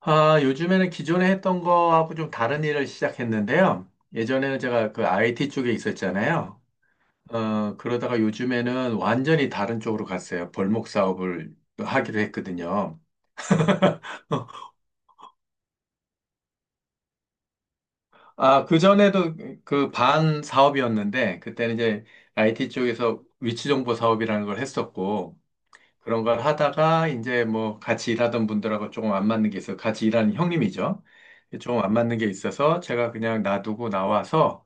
아, 요즘에는 기존에 했던 거하고 좀 다른 일을 시작했는데요. 예전에는 제가 그 IT 쪽에 있었잖아요. 그러다가 요즘에는 완전히 다른 쪽으로 갔어요. 벌목 사업을 하기로 했거든요. 아, 그전에도 그 반 사업이었는데, 그때는 이제 IT 쪽에서 위치정보 사업이라는 걸 했었고, 그런 걸 하다가 이제 뭐 같이 일하던 분들하고 조금 안 맞는 게 있어요. 같이 일하는 형님이죠. 조금 안 맞는 게 있어서 제가 그냥 놔두고 나와서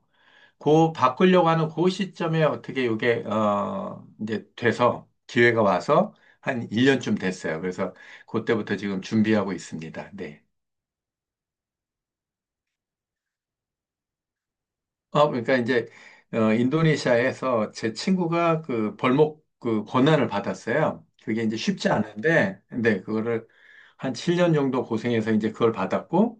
그 바꾸려고 하는 그 시점에 어떻게 이게 이제 돼서 기회가 와서 한 1년쯤 됐어요. 그래서 그때부터 지금 준비하고 있습니다. 네. 아, 그러니까 이제 인도네시아에서 제 친구가 그 벌목 그 권한을 받았어요. 그게 이제 쉽지 않은데, 근데 그거를 한 7년 정도 고생해서 이제 그걸 받았고,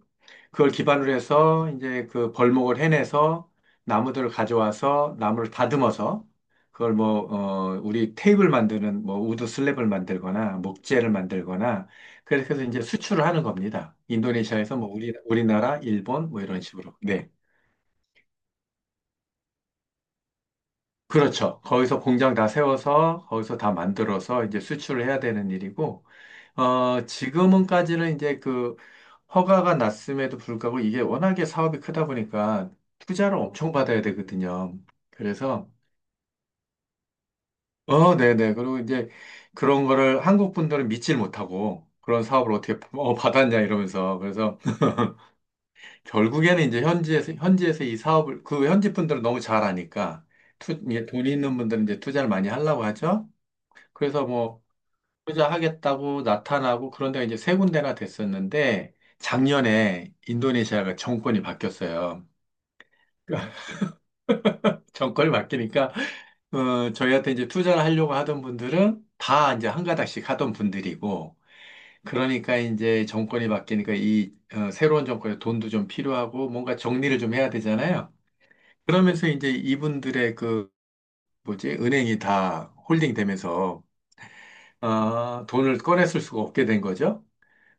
그걸 기반으로 해서 이제 그 벌목을 해내서 나무들을 가져와서 나무를 다듬어서 그걸 뭐, 우리 테이블 만드는 뭐 우드 슬랩을 만들거나 목재를 만들거나 그렇게 해서 이제 수출을 하는 겁니다. 인도네시아에서 뭐 우리나라, 일본 뭐 이런 식으로. 네. 그렇죠. 거기서 공장 다 세워서 거기서 다 만들어서 이제 수출을 해야 되는 일이고, 어, 지금은까지는 이제 그 허가가 났음에도 불구하고 이게 워낙에 사업이 크다 보니까 투자를 엄청 받아야 되거든요. 그래서, 어, 네네. 그리고 이제 그런 거를 한국 분들은 믿질 못하고 그런 사업을 어떻게 어, 받았냐 이러면서 그래서 결국에는 이제 현지에서 이 사업을 그 현지 분들은 너무 잘 아니까 투, 이게 돈 있는 분들은 이제 투자를 많이 하려고 하죠. 그래서 뭐 투자하겠다고 나타나고 그런 데가 이제 세 군데나 됐었는데 작년에 인도네시아가 정권이 바뀌었어요. 정권이 바뀌니까 저희한테 이제 투자를 하려고 하던 분들은 다 이제 한 가닥씩 하던 분들이고, 그러니까 이제 정권이 바뀌니까 이 새로운 정권에 돈도 좀 필요하고 뭔가 정리를 좀 해야 되잖아요. 그러면서 이제 이분들의 그 뭐지 은행이 다 홀딩 되면서 아, 돈을 꺼냈을 수가 없게 된 거죠.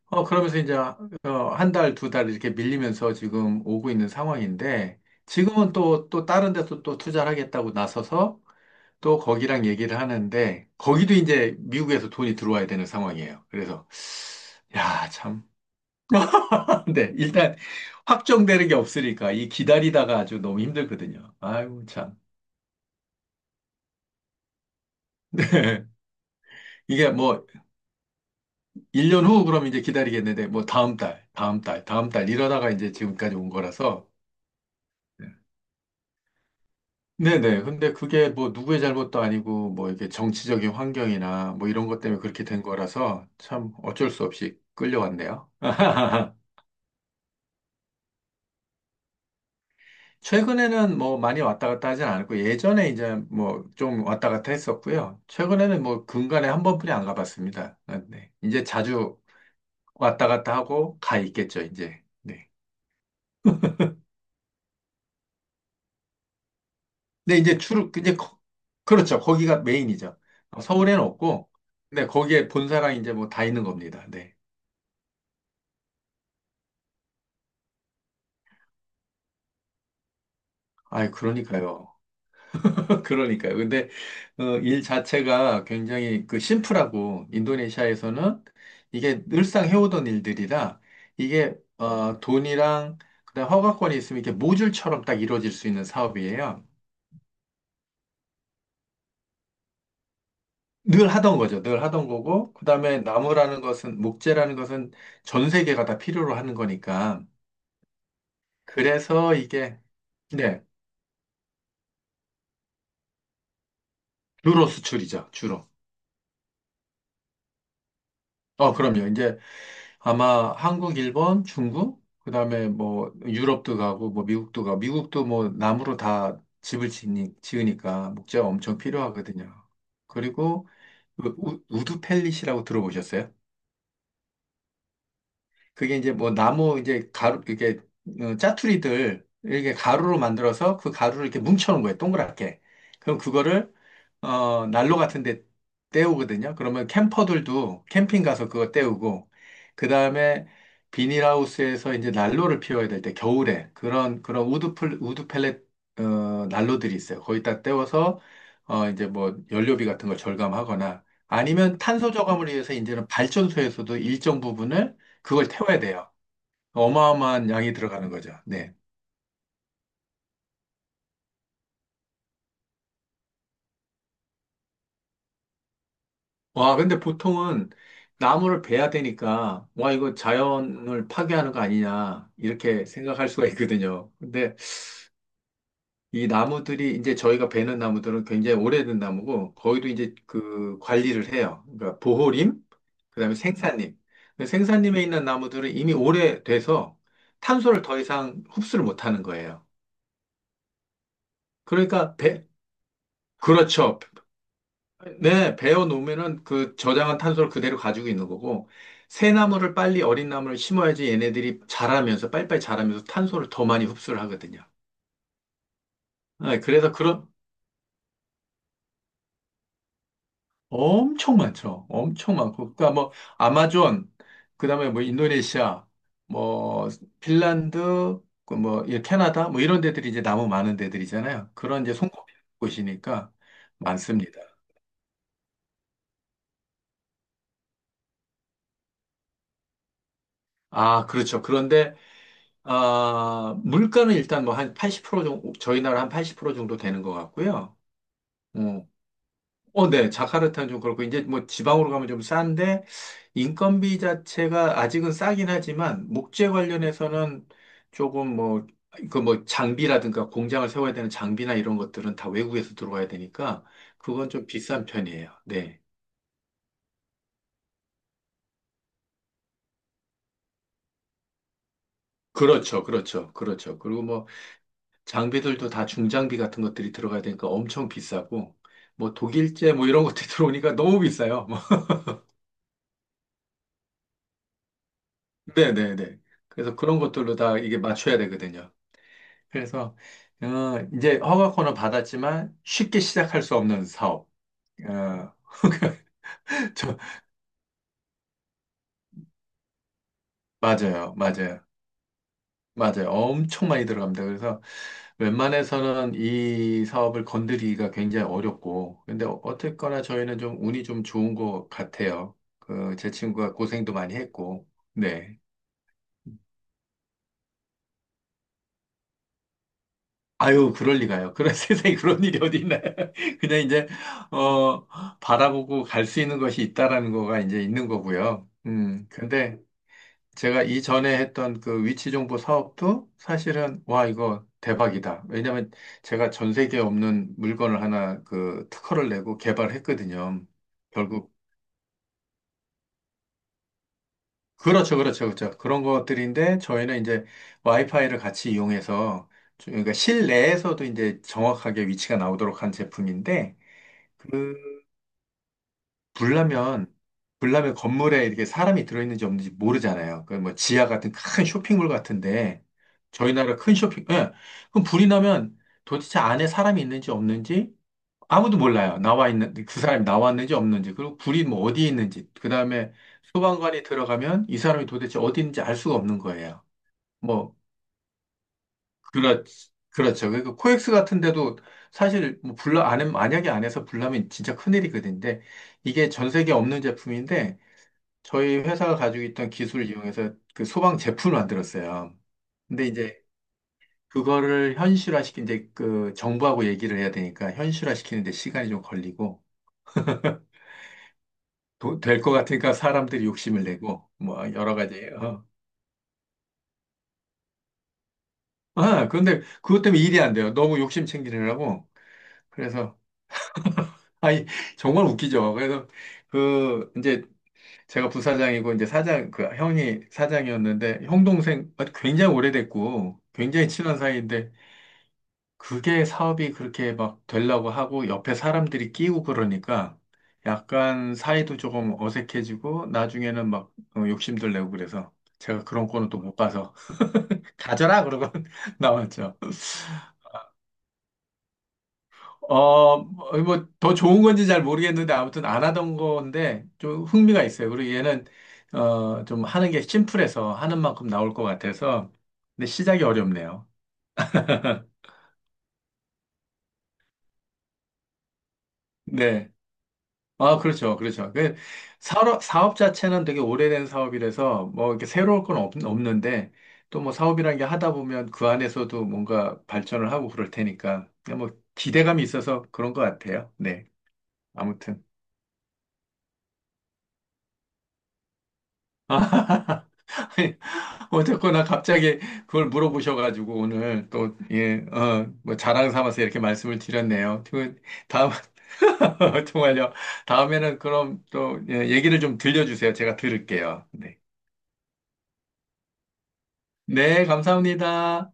그러면서 이제 한 달, 두 달 이렇게 밀리면서 지금 오고 있는 상황인데, 지금은 또, 또 다른 데서 또 투자를 하겠다고 나서서 또 거기랑 얘기를 하는데, 거기도 이제 미국에서 돈이 들어와야 되는 상황이에요. 그래서, 야, 참. 근데 일단 확정되는 게 없으니까 이 기다리다가 아주 너무 힘들거든요. 아이고, 참. 이게 뭐, 1년 후 그럼 이제 기다리겠는데, 뭐 다음 달 이러다가 이제 지금까지 온 거라서, 네. 네네. 근데 그게 뭐 누구의 잘못도 아니고 뭐 이렇게 정치적인 환경이나 뭐 이런 것 때문에 그렇게 된 거라서 참 어쩔 수 없이 끌려왔네요. 최근에는 뭐 많이 왔다 갔다 하진 않았고 예전에 이제 뭐 좀 왔다 갔다 했었고요. 최근에는 뭐 근간에 한 번뿐이 안 가봤습니다. 아, 네. 이제 자주 왔다 갔다 하고 가 있겠죠, 이제. 네. 근데 이제 그렇죠. 거기가 메인이죠. 어, 서울에는 없고, 네, 거기에 본사랑 이제 뭐 다 있는 겁니다. 네. 아이, 그러니까요. 그러니까요. 근데 일 자체가 굉장히 그 심플하고 인도네시아에서는 이게 늘상 해오던 일들이라 이게 돈이랑 그다음 허가권이 있으면 이렇게 모듈처럼 딱 이루어질 수 있는 사업이에요. 늘 하던 거죠. 늘 하던 거고 그다음에 나무라는 것은 목재라는 것은 전 세계가 다 필요로 하는 거니까 그래서 이게 네 주로 수출이죠. 주로. 어, 그럼요. 이제 아마 한국, 일본, 중국, 그다음에 뭐 유럽도 가고 뭐 미국도 가고 미국도 뭐 나무로 다 집을 지으니까 목재가 엄청 필요하거든요. 그리고 그 우드 펠릿이라고 들어보셨어요? 그게 이제 뭐 나무 이제 가루 이렇게 짜투리들 이렇게 가루로 만들어서 그 가루를 이렇게 뭉쳐놓은 거예요. 동그랗게. 그럼 그거를 난로 같은 데 때우거든요. 그러면 캠퍼들도 캠핑 가서 그거 때우고 그다음에 비닐하우스에서 이제 난로를 피워야 될 때 겨울에 그런 우드 펠렛 난로들이 있어요. 거기다 때워서 이제 뭐 연료비 같은 걸 절감하거나 아니면 탄소 저감을 위해서 이제는 발전소에서도 일정 부분을 그걸 태워야 돼요. 어마어마한 양이 들어가는 거죠. 네. 와, 근데 보통은 나무를 베야 되니까, 와, 이거 자연을 파괴하는 거 아니냐, 이렇게 생각할 수가 있거든요. 근데 이제 저희가 베는 나무들은 굉장히 오래된 나무고, 거기도 이제 그 관리를 해요. 그러니까 보호림, 그다음에 생산림. 근데 생산림에 있는 나무들은 이미 오래돼서 탄소를 더 이상 흡수를 못하는 거예요. 그러니까 배, 그렇죠. 네, 베어 놓으면은 그 저장한 탄소를 그대로 가지고 있는 거고, 새 나무를 빨리 어린 나무를 심어야지 얘네들이 자라면서, 빨리빨리 자라면서 탄소를 더 많이 흡수를 하거든요. 네, 그래서 그런, 엄청 많죠. 엄청 많고. 그러니까 뭐, 아마존, 그 다음에 뭐, 인도네시아, 뭐, 핀란드, 그 뭐, 이 캐나다, 뭐, 이런 데들이 이제 나무 많은 데들이잖아요. 그런 이제 손꼽히는 곳이니까 많습니다. 아, 그렇죠. 그런데 아, 물가는 일단 뭐 한 80% 정도, 저희 나라 한 80% 정도 되는 것 같고요. 어, 네. 자카르타는 좀 그렇고, 이제 뭐 지방으로 가면 좀 싼데, 인건비 자체가 아직은 싸긴 하지만, 목재 관련해서는 조금 뭐, 그 뭐 장비라든가 공장을 세워야 되는 장비나 이런 것들은 다 외국에서 들어와야 되니까, 그건 좀 비싼 편이에요. 네. 그렇죠. 그리고 뭐 장비들도 다 중장비 같은 것들이 들어가야 되니까 엄청 비싸고, 뭐 독일제 뭐 이런 것들이 들어오니까 너무 비싸요. 뭐. 네네네. 그래서 그런 것들로 다 이게 맞춰야 되거든요. 그래서, 어, 이제 허가권을 받았지만 쉽게 시작할 수 없는 사업. 어, 저, 맞아요. 맞아요. 맞아요. 엄청 많이 들어갑니다. 그래서 웬만해서는 이 사업을 건드리기가 굉장히 어렵고, 근데 어- 어쨌거나 저희는 좀 운이 좀 좋은 것 같아요. 그, 제 친구가 고생도 많이 했고, 네. 아유, 그럴 리가요. 그런 세상에 그런 일이 어디 있나요? 그냥 이제, 어, 바라보고 갈 수 있는 것이 있다라는 거가 이제 있는 거고요. 근데 제가 이전에 했던 그 위치 정보 사업도 사실은 와 이거 대박이다. 왜냐면 제가 전 세계에 없는 물건을 하나 그 특허를 내고 개발했거든요. 결국 그렇죠. 그런 것들인데 저희는 이제 와이파이를 같이 이용해서 그러니까 실내에서도 이제 정확하게 위치가 나오도록 한 제품인데 그 불나면 불나면 건물에 이렇게 사람이 들어있는지 없는지 모르잖아요. 그 뭐 지하 같은 큰 쇼핑몰 같은데 저희 나라 큰 쇼핑, 예. 그럼 불이 나면 도대체 안에 사람이 있는지 없는지 아무도 몰라요. 나와 있는 그 사람이 나왔는지 없는지 그리고 불이 뭐 어디에 있는지 그 다음에 소방관이 들어가면 이 사람이 도대체 어디 있는지 알 수가 없는 거예요. 뭐 그렇 그렇죠. 그러니까 코엑스 같은 데도 사실 뭐 불나 안에 만약에 안에서 불나면 진짜 큰일이거든요. 근데 이게 전 세계 없는 제품인데 저희 회사가 가지고 있던 기술을 이용해서 그 소방 제품을 만들었어요. 근데 이제 그거를 현실화시킨 이제 그 정부하고 얘기를 해야 되니까 현실화시키는데 시간이 좀 걸리고 될 것 같으니까 사람들이 욕심을 내고 뭐 여러 가지. 어. 아, 근데 그것 때문에 일이 안 돼요. 너무 욕심 챙기느라고. 그래서 아니 정말 웃기죠. 그래서 그 이제 제가 부사장이고 이제 사장 그 형이 사장이었는데 형 동생 아, 굉장히 오래됐고 굉장히 친한 사이인데 그게 사업이 그렇게 막 되려고 하고 옆에 사람들이 끼고 그러니까 약간 사이도 조금 어색해지고 나중에는 막 욕심들 내고 그래서 제가 그런 거는 또 못 봐서 가져라 그러고 나왔죠. 어, 뭐 더 좋은 건지 잘 모르겠는데 아무튼 안 하던 건데 좀 흥미가 있어요. 그리고 얘는 어, 좀 하는 게 심플해서 하는 만큼 나올 것 같아서 근데 시작이 어렵네요. 네. 아, 그렇죠. 그렇죠. 그 사업 자체는 되게 오래된 사업이라서 뭐 이렇게 새로울 없는데 또 뭐 사업이라는 게 하다 보면 그 안에서도 뭔가 발전을 하고 그럴 테니까 그냥 뭐 기대감이 있어서 그런 것 같아요. 네. 아무튼. 어쨌거나 갑자기 그걸 물어보셔가지고 오늘 또, 예, 어, 뭐 자랑 삼아서 이렇게 말씀을 드렸네요. 그 다음, 정말요. 다음에는 그럼 또 예, 얘기를 좀 들려주세요. 제가 들을게요. 네. 네, 감사합니다.